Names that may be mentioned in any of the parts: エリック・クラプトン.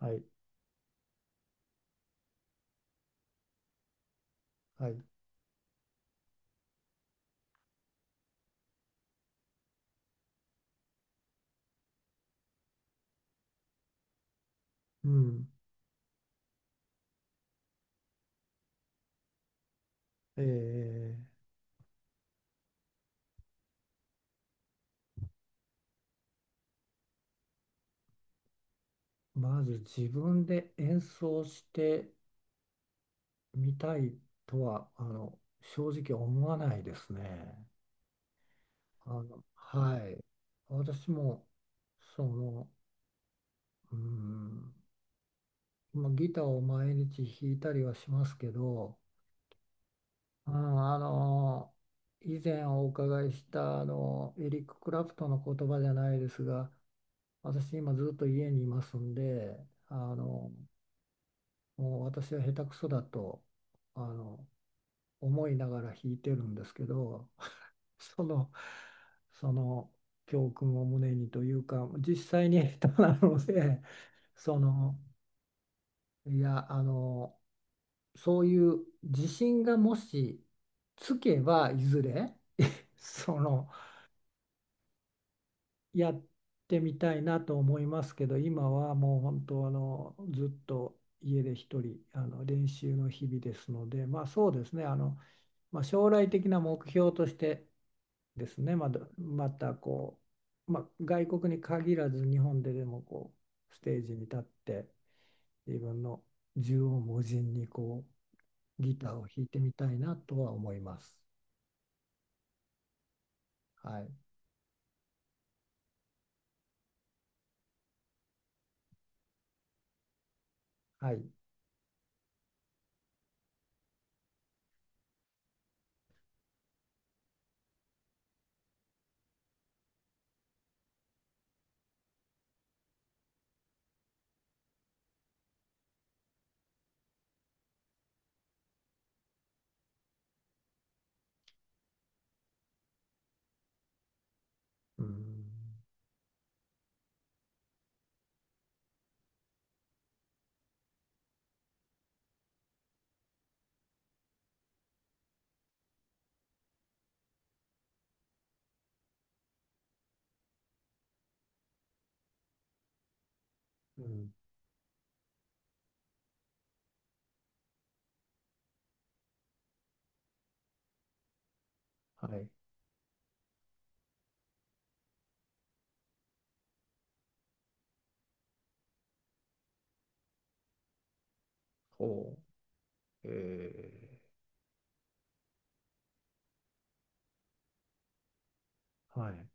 はい。はい。うん。えーまず自分で演奏してみたいとは、正直思わないですね。はい、私も、その、うん、まあ、ギターを毎日弾いたりはしますけど、うん、あの、以前お伺いした、エリック・クラプトンの言葉じゃないですが、私今ずっと家にいますんで、あの、もう私は下手くそだとあの思いながら弾いてるんですけど、 そのその教訓を胸にというか実際に下手なので、そのいや、そういう自信がもしつけばいずれそのやってみたいなと思いますけど、今はもう本当ずっと家で一人練習の日々ですので、まあそうですね、まあ、将来的な目標としてですね、またまあ、外国に限らず日本ででもステージに立って、自分の縦横無尽にギターを弾いてみたいなとは思います。はい。はい。うん。うん。はい。ほう。はい。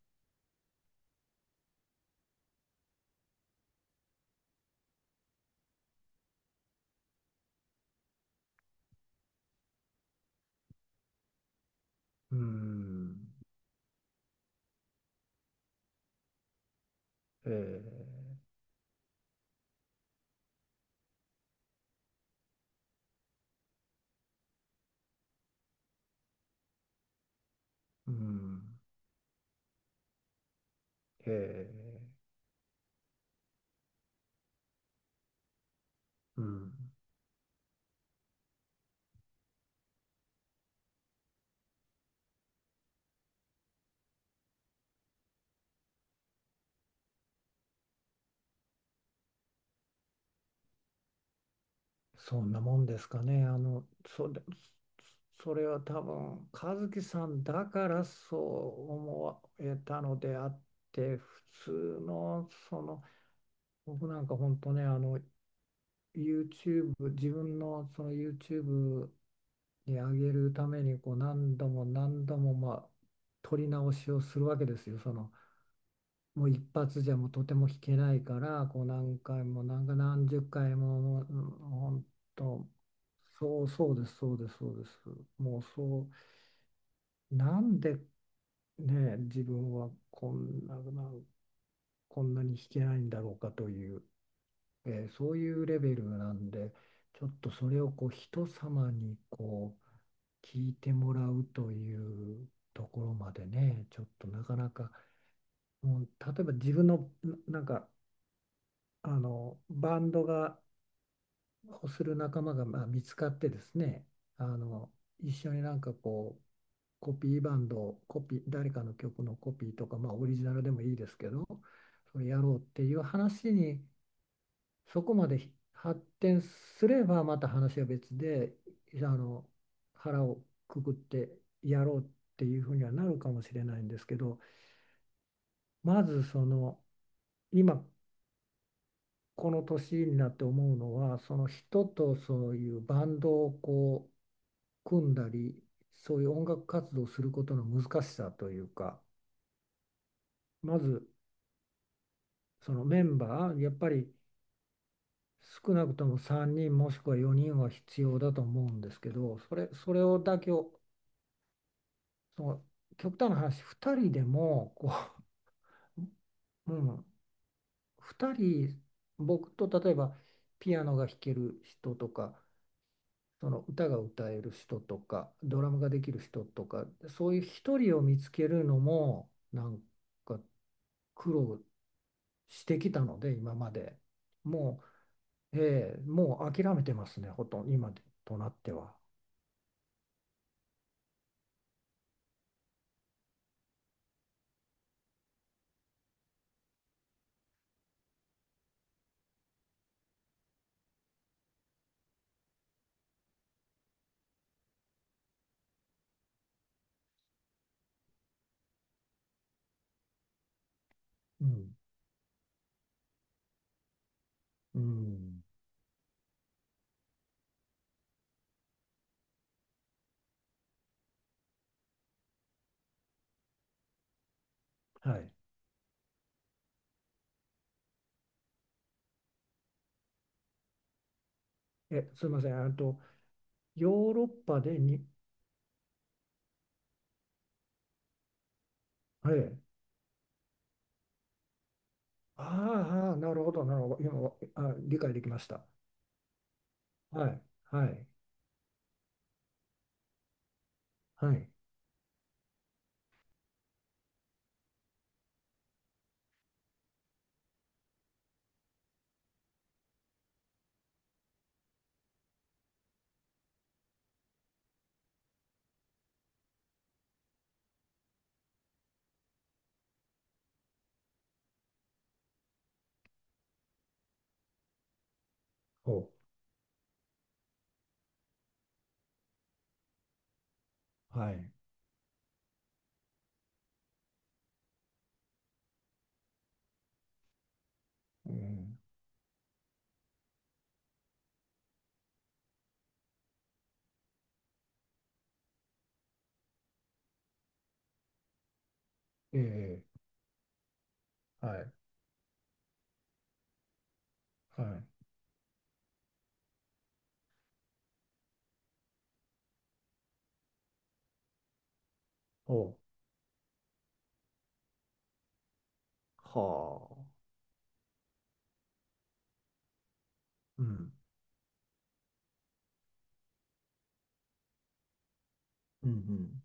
うん。ええ、うん。ええ、うん。そんなもんですかね。それは多分、和樹さんだからそう思えたのであって、普通の、僕なんか本当ね、自分のその YouTube に上げるために、何度も何度も、まあ、撮り直しをするわけですよ。もう一発じゃもうとても弾けないから、何回も何十回も、もう本当。そうそうです、そうです、そうです。もうそうなんでね、自分はこんなに弾けないんだろうかという、そういうレベルなんで、ちょっとそれを人様に聞いてもらうというところまでね、ちょっとなかなか、もう例えば自分のなんかバンドがをする仲間がまあ見つかってですね、あの一緒になんかコピーバンドをコピー誰かの曲のコピーとか、まあ、オリジナルでもいいですけど、それやろうっていう話に、そこまで発展すればまた話は別で、あの腹をくくってやろうっていうふうにはなるかもしれないんですけど、まず今この年になって思うのは、その人とそういうバンドを組んだり、そういう音楽活動をすることの難しさというか、まずメンバーやっぱり少なくとも3人もしくは4人は必要だと思うんですけど、それだけを、その極端な話2人でもう、うん、2人、僕と例えばピアノが弾ける人とか、歌が歌える人とか、ドラムができる人とか、そういう一人を見つけるのもなんか苦労してきたので今まで。もう、ええ、もう諦めてますね、ほとんど今となっては。うん、うん、はい。すいません、あとヨーロッパでに、ええ、ああ、なるほど、なるほど、今、理解できました。はい。はい。はい。ほう。はい、うん、ええ。はい。はい。おう。はあ。うん。うん、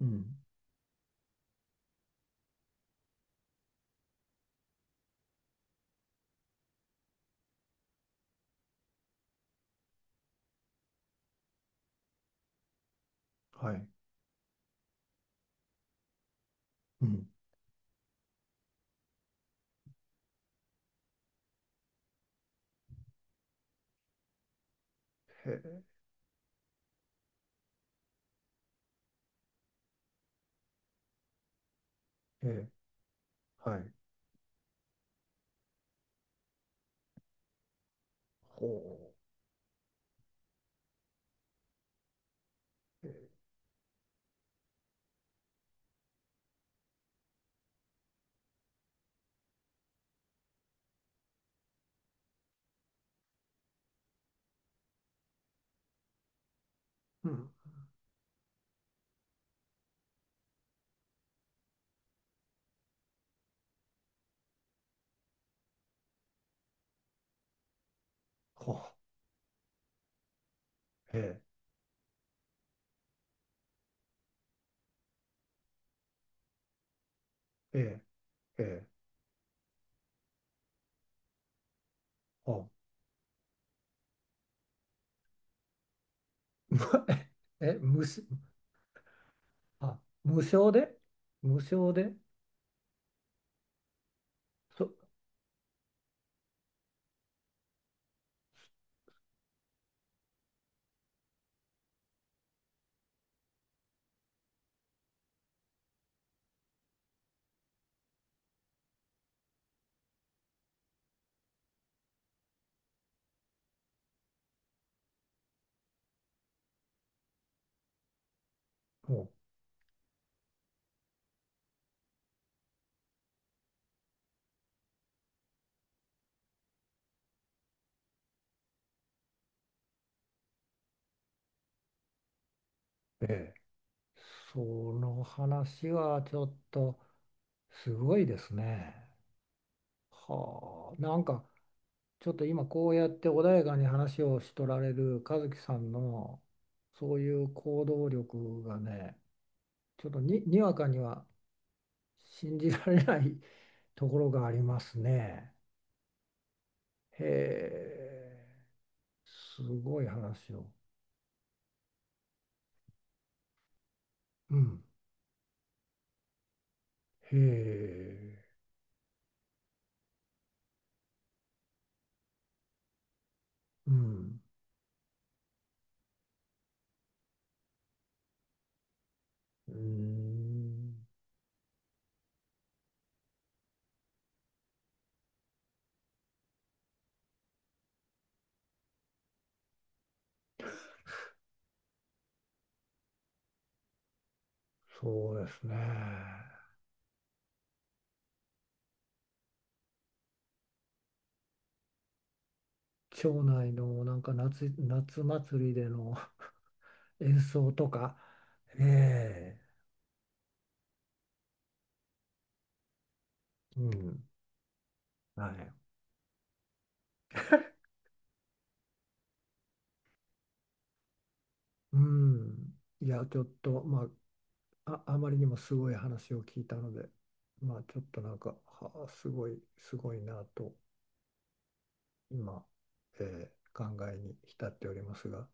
うん、うん。はい。うん。へえ、へえ。はい。ほう。へえ、うん。ほう。へえ、へえ、へえ、ほう。え、無し、あ、無償で、無償で、そ、ほう。ええ。その話はちょっとすごいですね。はあ。なんかちょっと今こうやって穏やかに話をしとられる和樹さんのそういう行動力がね、ちょっとにわかには信じられない ところがありますね。へえ、すごい話を。うん。へえ、うん。うーん、そうですね。町内のなんか夏祭りでの 演奏とか。ええ、うん。はい。うん。いや、ちょっと、まあ、あまりにもすごい話を聞いたので、まあ、ちょっとなんか、はあ、すごい、すごいなと、今、考えに浸っておりますが、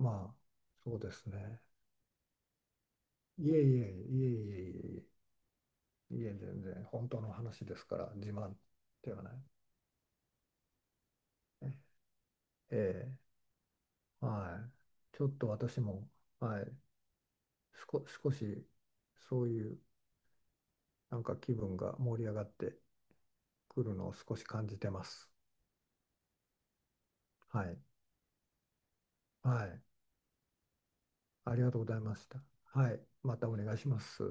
まあ、そうですね。いえいえ、いえいえいえいえ、いえ、全然、本当の話ですから、自慢ではない。ええ、はい。ちょっと私も、はい、少し、そういう、なんか気分が盛り上がってくるのを少し感じてます。はい。はい。ありがとうございました。はい。またお願いします。